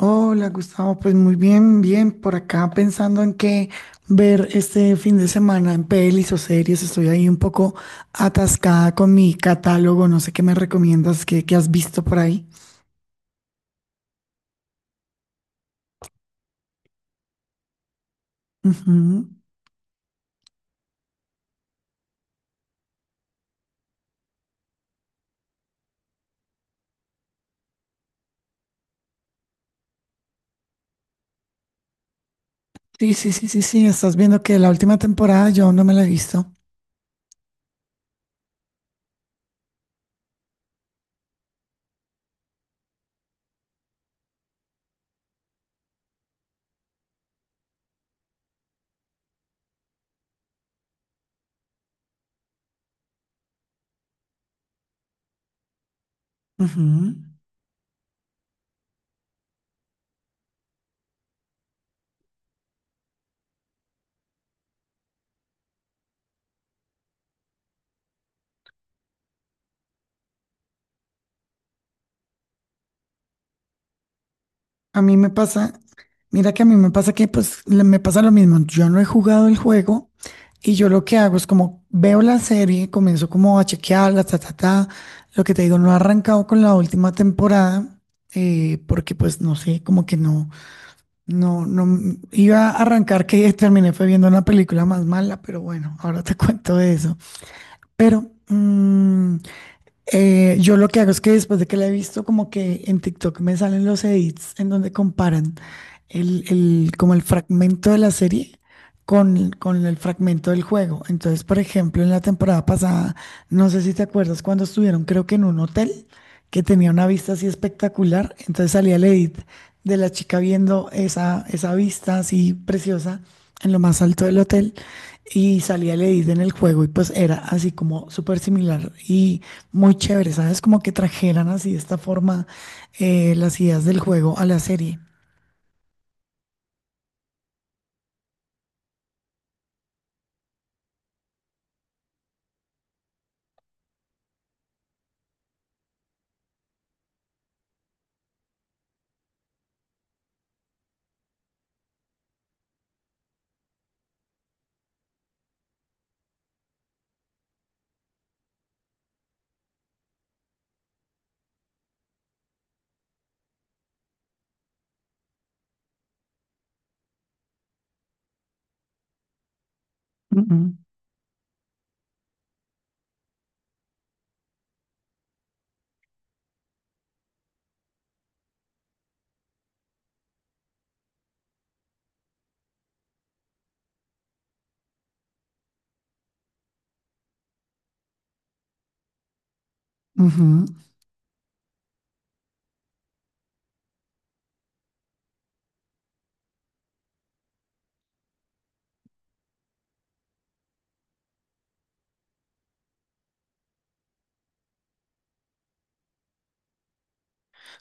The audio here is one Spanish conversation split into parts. Hola Gustavo, pues muy bien, bien, por acá pensando en qué ver este fin de semana en pelis o series, estoy ahí un poco atascada con mi catálogo, no sé qué me recomiendas, qué has visto por ahí. Ujú. Sí, sí, sí, sí, sí, estás viendo que la última temporada yo aún no me la he visto. Ujú. A mí me pasa, mira que a mí me pasa que pues me pasa lo mismo. Yo no he jugado el juego y yo lo que hago es como veo la serie, comienzo como a chequearla, ta, ta, ta. Lo que te digo, no he arrancado con la última temporada porque pues no sé, como que no, iba a arrancar que terminé fue viendo una película más mala, pero bueno, ahora te cuento de eso. Pero yo lo que hago es que después de que la he visto, como que en TikTok me salen los edits en donde comparan como el fragmento de la serie con el fragmento del juego. Entonces, por ejemplo, en la temporada pasada, no sé si te acuerdas cuando estuvieron, creo que en un hotel que tenía una vista así espectacular. Entonces salía el edit de la chica viendo esa vista así preciosa en lo más alto del hotel y salía el edit en el juego y pues era así como súper similar y muy chévere, ¿sabes? Como que trajeran así de esta forma las ideas del juego a la serie. Ujú, ujú.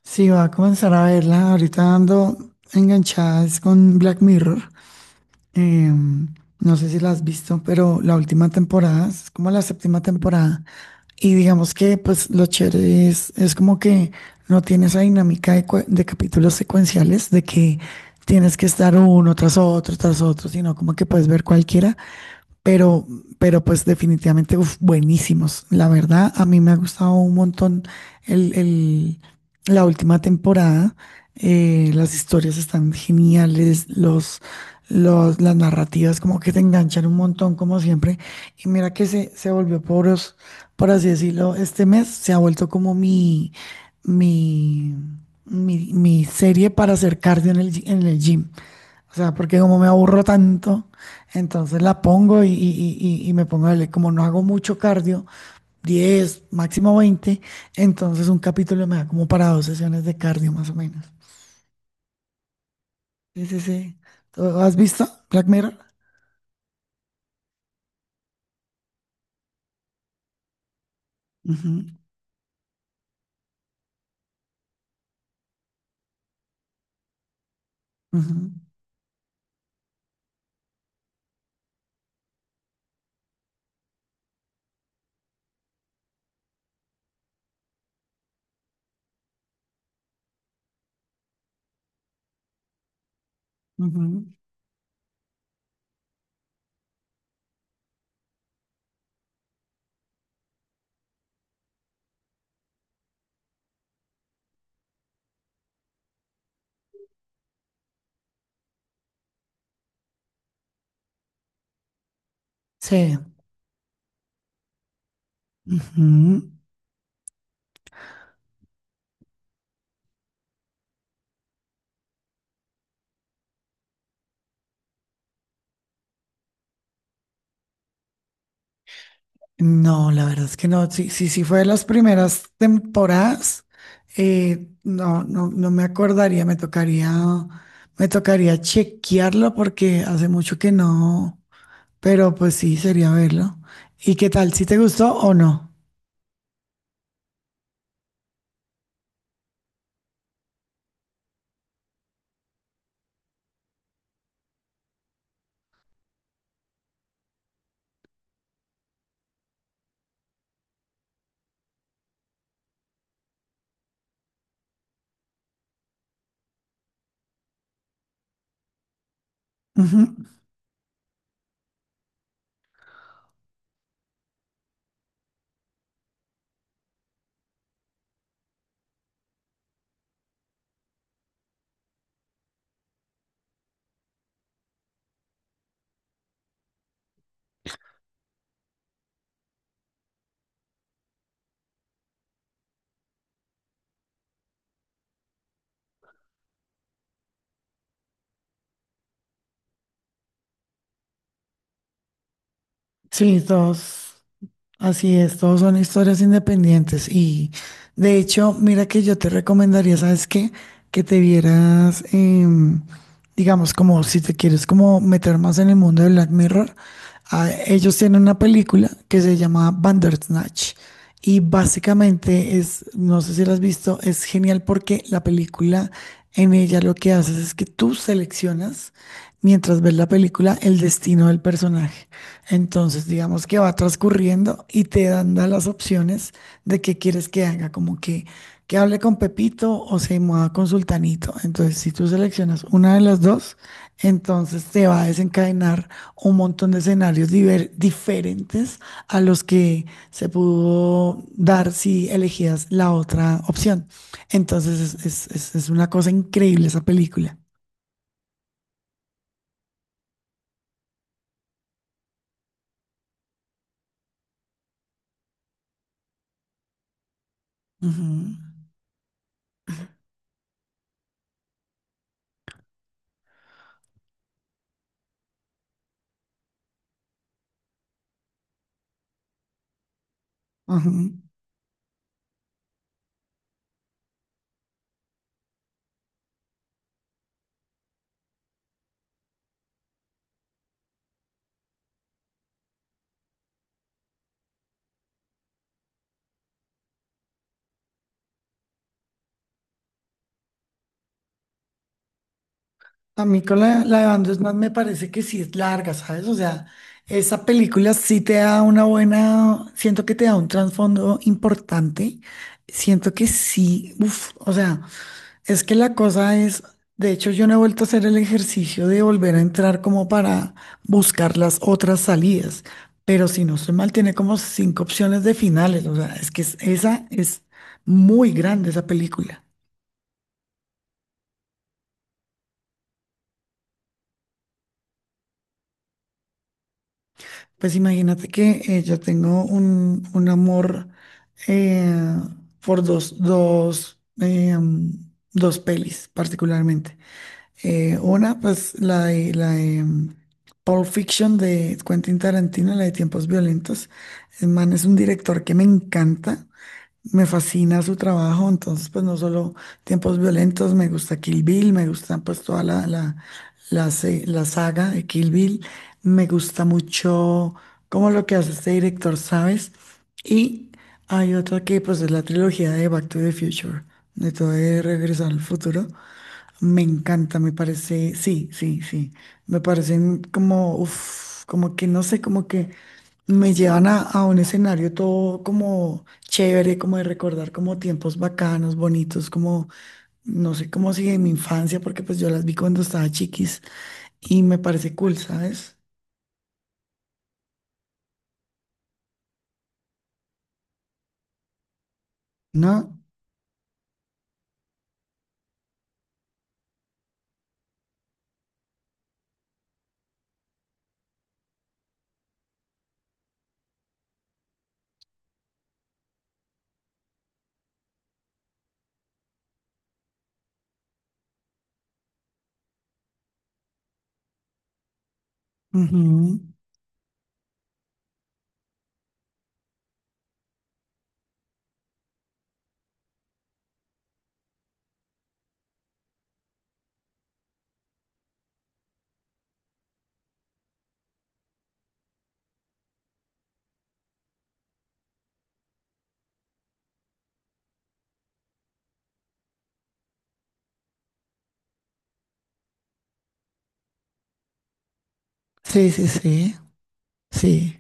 Sí, va a comenzar a verla ahorita dando enganchadas con Black Mirror. Eh, no sé si la has visto, pero la última temporada, es como la séptima temporada, y digamos que pues lo chévere es como que no tiene esa dinámica de capítulos secuenciales, de que tienes que estar uno tras otro, sino como que puedes ver cualquiera pero, pero pues definitivamente, uf, buenísimos. La verdad, a mí me ha gustado un montón el, el- la última temporada. Las historias están geniales, las narrativas como que te enganchan un montón, como siempre. Y mira que se volvió por así decirlo, este mes se ha vuelto como mi, mi serie para hacer cardio en el gym. O sea, porque como me aburro tanto, entonces la pongo y me pongo a leer. Como no hago mucho cardio, 10 máximo 20 entonces un capítulo me da como para dos sesiones de cardio más o menos. Sí, sí, sí. ¿Tú ¿Has visto Black Mirror? Ujú, ujú, ujú. Sí. Ujú. No, la verdad es que no. Sí, sí, sí fue de las primeras temporadas. No me acordaría. Me tocaría chequearlo porque hace mucho que no. Pero pues sí, sería verlo. ¿Y qué tal? ¿Si te gustó o no? Ujú. Sí, dos. Así es, todos son historias independientes y de hecho, mira que yo te recomendaría, ¿sabes qué? Que te vieras, digamos, como si te quieres como meter más en el mundo de Black Mirror, ah, ellos tienen una película que se llama Bandersnatch y básicamente es, no sé si la has visto, es genial porque la película en ella lo que haces es que tú seleccionas mientras ves la película el destino del personaje. Entonces, digamos que va transcurriendo y te dan da las opciones de qué quieres que haga, como que hable con Pepito o se mueva con Sultanito. Entonces, si tú seleccionas una de las dos, entonces te va a desencadenar un montón de escenarios diferentes a los que se pudo dar si elegías la otra opción. Entonces, es una cosa increíble esa película. Ujú, ujú. A mí con la de Van der me parece que sí es larga, ¿sabes? O sea, esa película sí te da una buena, siento que te da un trasfondo importante, siento que sí, uff, o sea, es que la cosa es, de hecho yo no he vuelto a hacer el ejercicio de volver a entrar como para buscar las otras salidas, pero si no estoy mal, tiene como cinco opciones de finales, o sea, es que esa es muy grande esa película. Pues imagínate que yo tengo un amor eh, por dos pelis particularmente. Una, pues la de, la de Pulp Fiction de Quentin Tarantino, la de Tiempos Violentos. El man es un director que me encanta. Me fascina su trabajo, entonces pues no solo Tiempos Violentos, me gusta Kill Bill, me gusta pues toda la saga de Kill Bill, me gusta mucho como lo que hace este director, ¿sabes? Y hay otra que pues es la trilogía de Back to the Future, de todo de Regresar al Futuro. Me encanta, me parece, sí, sí, sí, me parecen como, uf, como que no sé, como que me llevan a un escenario todo como chévere, como de recordar como tiempos bacanos, bonitos, como, no sé, como si de mi infancia, porque pues yo las vi cuando estaba chiquis y me parece cool, ¿sabes? ¿No? Ujú. Sí, sí, sí, sí,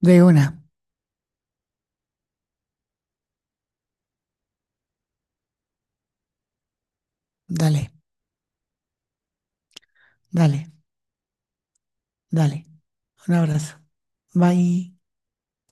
de una, dale, dale, dale, un abrazo, bye.